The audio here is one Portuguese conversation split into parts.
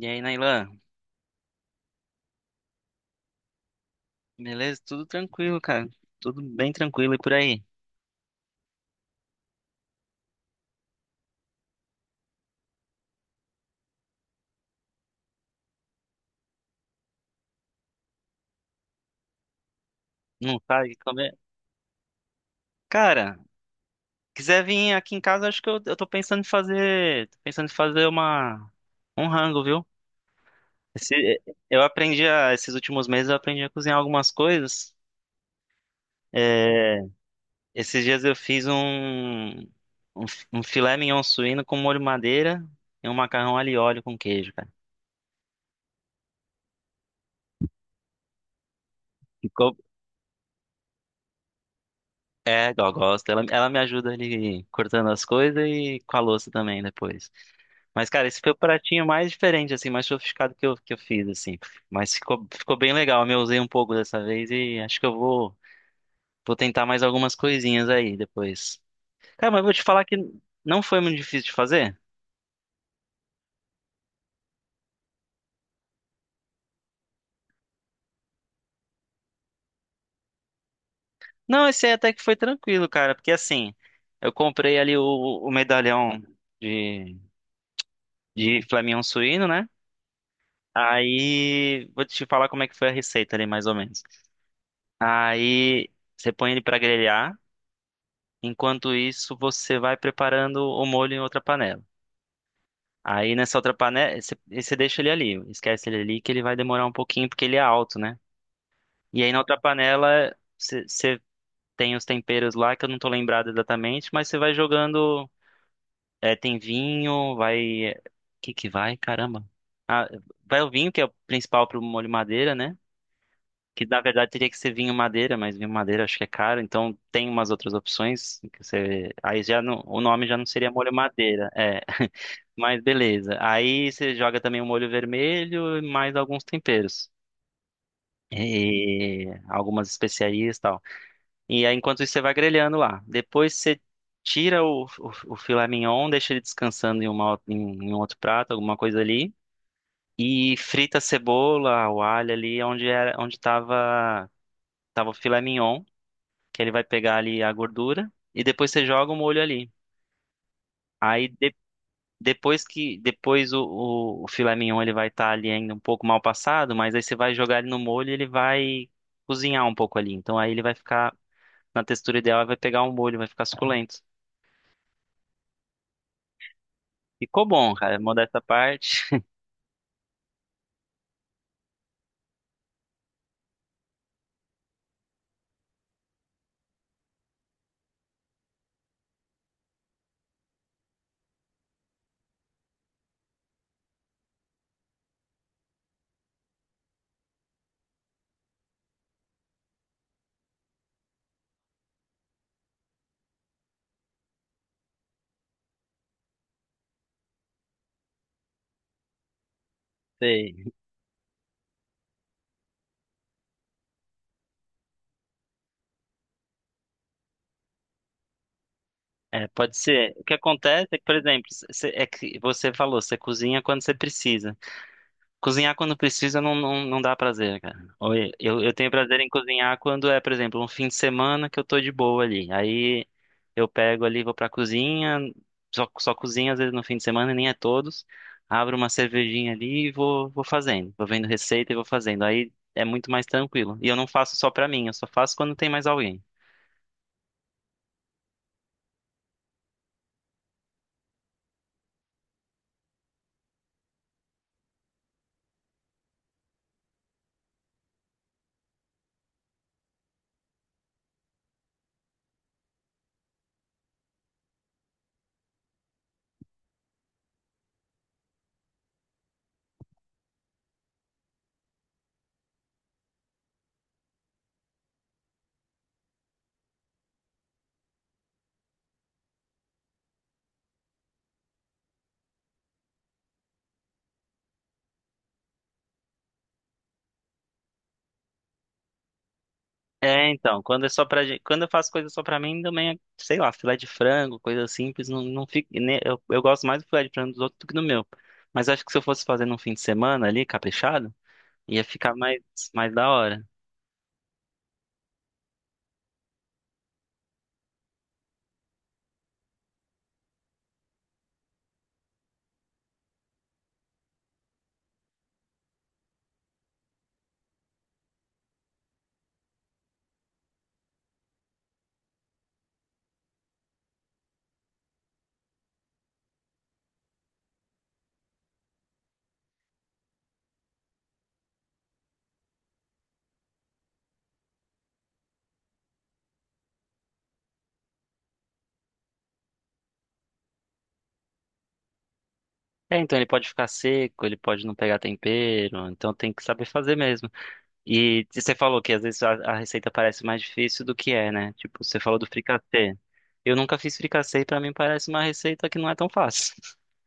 E aí, Nailan? Beleza? Tudo tranquilo, cara. Tudo bem tranquilo e por aí. Não sabe comer? Cara, quiser vir aqui em casa, acho que eu tô pensando em fazer, tô pensando em fazer uma um rango, viu? Esse- eu aprendi a, esses últimos meses eu aprendi a cozinhar algumas coisas. É, esses dias eu fiz um, um filé mignon suíno com molho madeira e um macarrão alho e óleo com queijo, cara. É, ela gosta. Ela me ajuda ali cortando as coisas e com a louça também depois. Mas, cara, esse foi o pratinho mais diferente, assim, mais sofisticado que eu fiz, assim. Mas ficou bem legal. Eu usei um pouco dessa vez e acho que vou tentar mais algumas coisinhas aí depois. Cara, mas eu vou te falar que não foi muito difícil de fazer? Não, esse aí até que foi tranquilo, cara, porque assim, eu comprei ali o medalhão de, de Flamião suíno, né? Aí vou te falar como é que foi a receita ali, mais ou menos. Aí você põe ele para grelhar. Enquanto isso, você vai preparando o molho em outra panela. Aí nessa outra panela, você deixa ele ali, esquece ele ali que ele vai demorar um pouquinho porque ele é alto, né? E aí na outra panela, você tem os temperos lá que eu não tô lembrado exatamente, mas você vai jogando, é, tem vinho, vai, o que que vai? Caramba. Ah, vai o vinho que é o principal pro molho madeira, né? Que na verdade teria que ser vinho madeira, mas vinho madeira acho que é caro, então tem umas outras opções que você. Aí já não, o nome já não seria molho madeira, é. Mas beleza. Aí você joga também o molho vermelho e mais alguns temperos. E algumas especiarias e tal. E aí, enquanto isso, você vai grelhando lá. Depois você tira o filé mignon, deixa ele descansando em um outro prato, alguma coisa ali. E frita a cebola, o alho ali, onde era, tava o filé mignon. Que ele vai pegar ali a gordura e depois você joga o molho ali. Aí de- depois que depois o filé mignon ele vai estar ali ainda um pouco mal passado, mas aí você vai jogar ele no molho, e ele vai cozinhar um pouco ali. Então aí ele vai ficar na textura ideal, vai pegar o molho, vai ficar suculento. Ficou bom, cara. Modesta à parte. Sei. É, pode ser. O que acontece é que, por exemplo, é que você falou, você cozinha quando você precisa. Cozinhar quando precisa não dá prazer, cara. Eu tenho prazer em cozinhar quando é, por exemplo, um fim de semana que eu tô de boa ali. Aí eu pego ali, vou pra cozinha, só cozinho às vezes no fim de semana, nem é todos. Abro uma cervejinha ali e vou fazendo. Vou vendo receita e vou fazendo. Aí é muito mais tranquilo. E eu não faço só pra mim, eu só faço quando tem mais alguém. É, então, quando é só pra gente, quando eu faço coisa só pra mim, também, é, sei lá, filé de frango, coisa simples, não fica, né, eu gosto mais do filé de frango dos outros do que do meu. Mas acho que se eu fosse fazer num fim de semana ali, caprichado, ia ficar mais da hora. É, então ele pode ficar seco, ele pode não pegar tempero, então tem que saber fazer mesmo. E você falou que às vezes a receita parece mais difícil do que é, né? Tipo, você falou do fricassê. Eu nunca fiz fricassê e pra mim parece uma receita que não é tão fácil.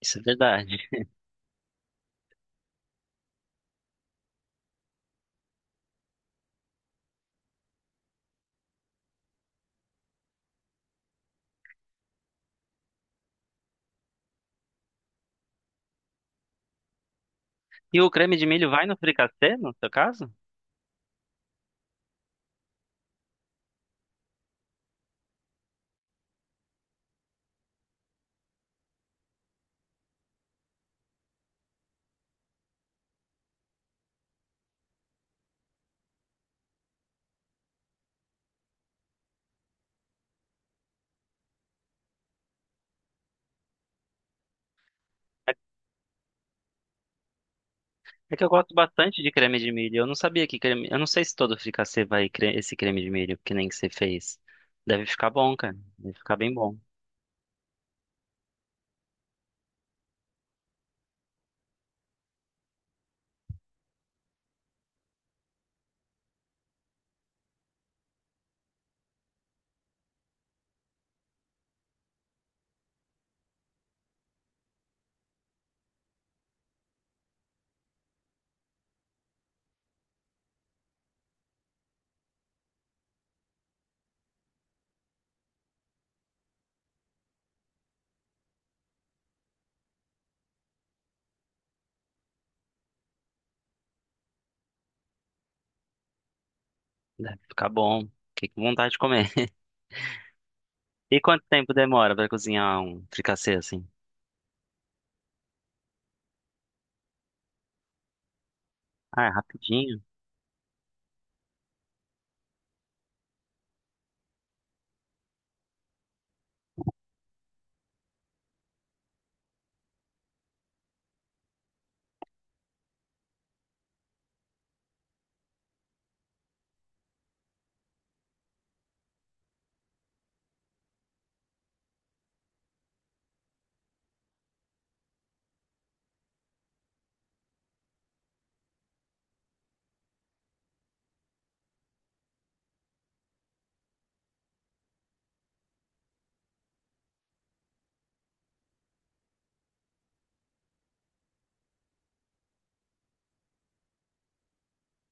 Isso é verdade. E o creme de milho vai no fricassê, no seu caso? É é que eu gosto bastante de creme de milho. Eu não sabia que creme. Eu não sei se todo fricassê vai esse creme de milho, que nem que você fez. Deve ficar bom, cara. Deve ficar bem bom. Deve ficar bom. Fiquei com vontade de comer. E quanto tempo demora pra cozinhar um fricassê assim? Ah, é rapidinho.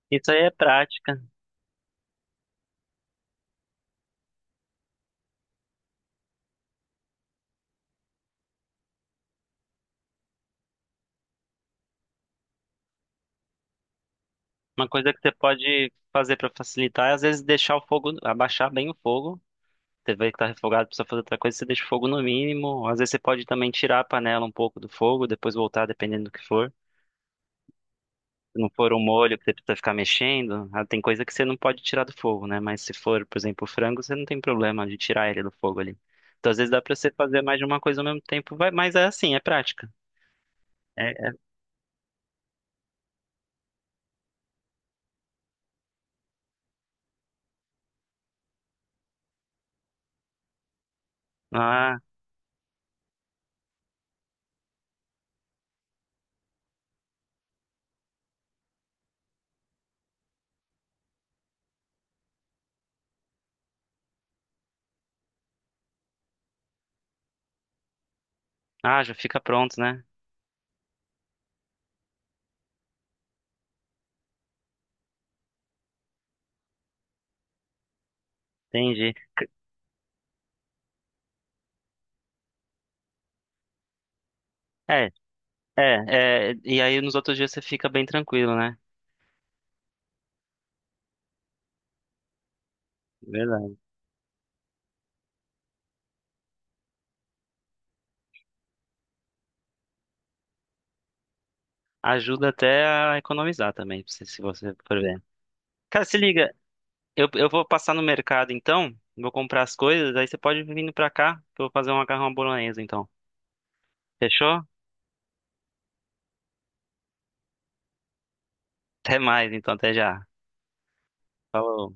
Isso aí é prática. Uma coisa que você pode fazer pra facilitar é às vezes deixar o fogo, abaixar bem o fogo. Teve vezes que tá refogado, precisa fazer outra coisa, você deixa o fogo no mínimo. Às vezes você pode também tirar a panela um pouco do fogo, depois voltar, dependendo do que for. Se não for um molho que você precisa ficar mexendo, ah, tem coisa que você não pode tirar do fogo, né? Mas se for, por exemplo, o frango, você não tem problema de tirar ele do fogo ali. Então, às vezes dá pra você fazer mais de uma coisa ao mesmo tempo, mas é assim, é prática. É, é- ah, ah, já fica pronto, né? Entendi. É, e aí nos outros dias você fica bem tranquilo, né? Verdade. Ajuda até a economizar também, se você for ver. Cara, se liga, eu vou passar no mercado então, vou comprar as coisas, aí você pode vir vindo pra cá, que eu vou fazer um macarrão à bolonhesa então. Fechou? Até mais então, até já. Falou.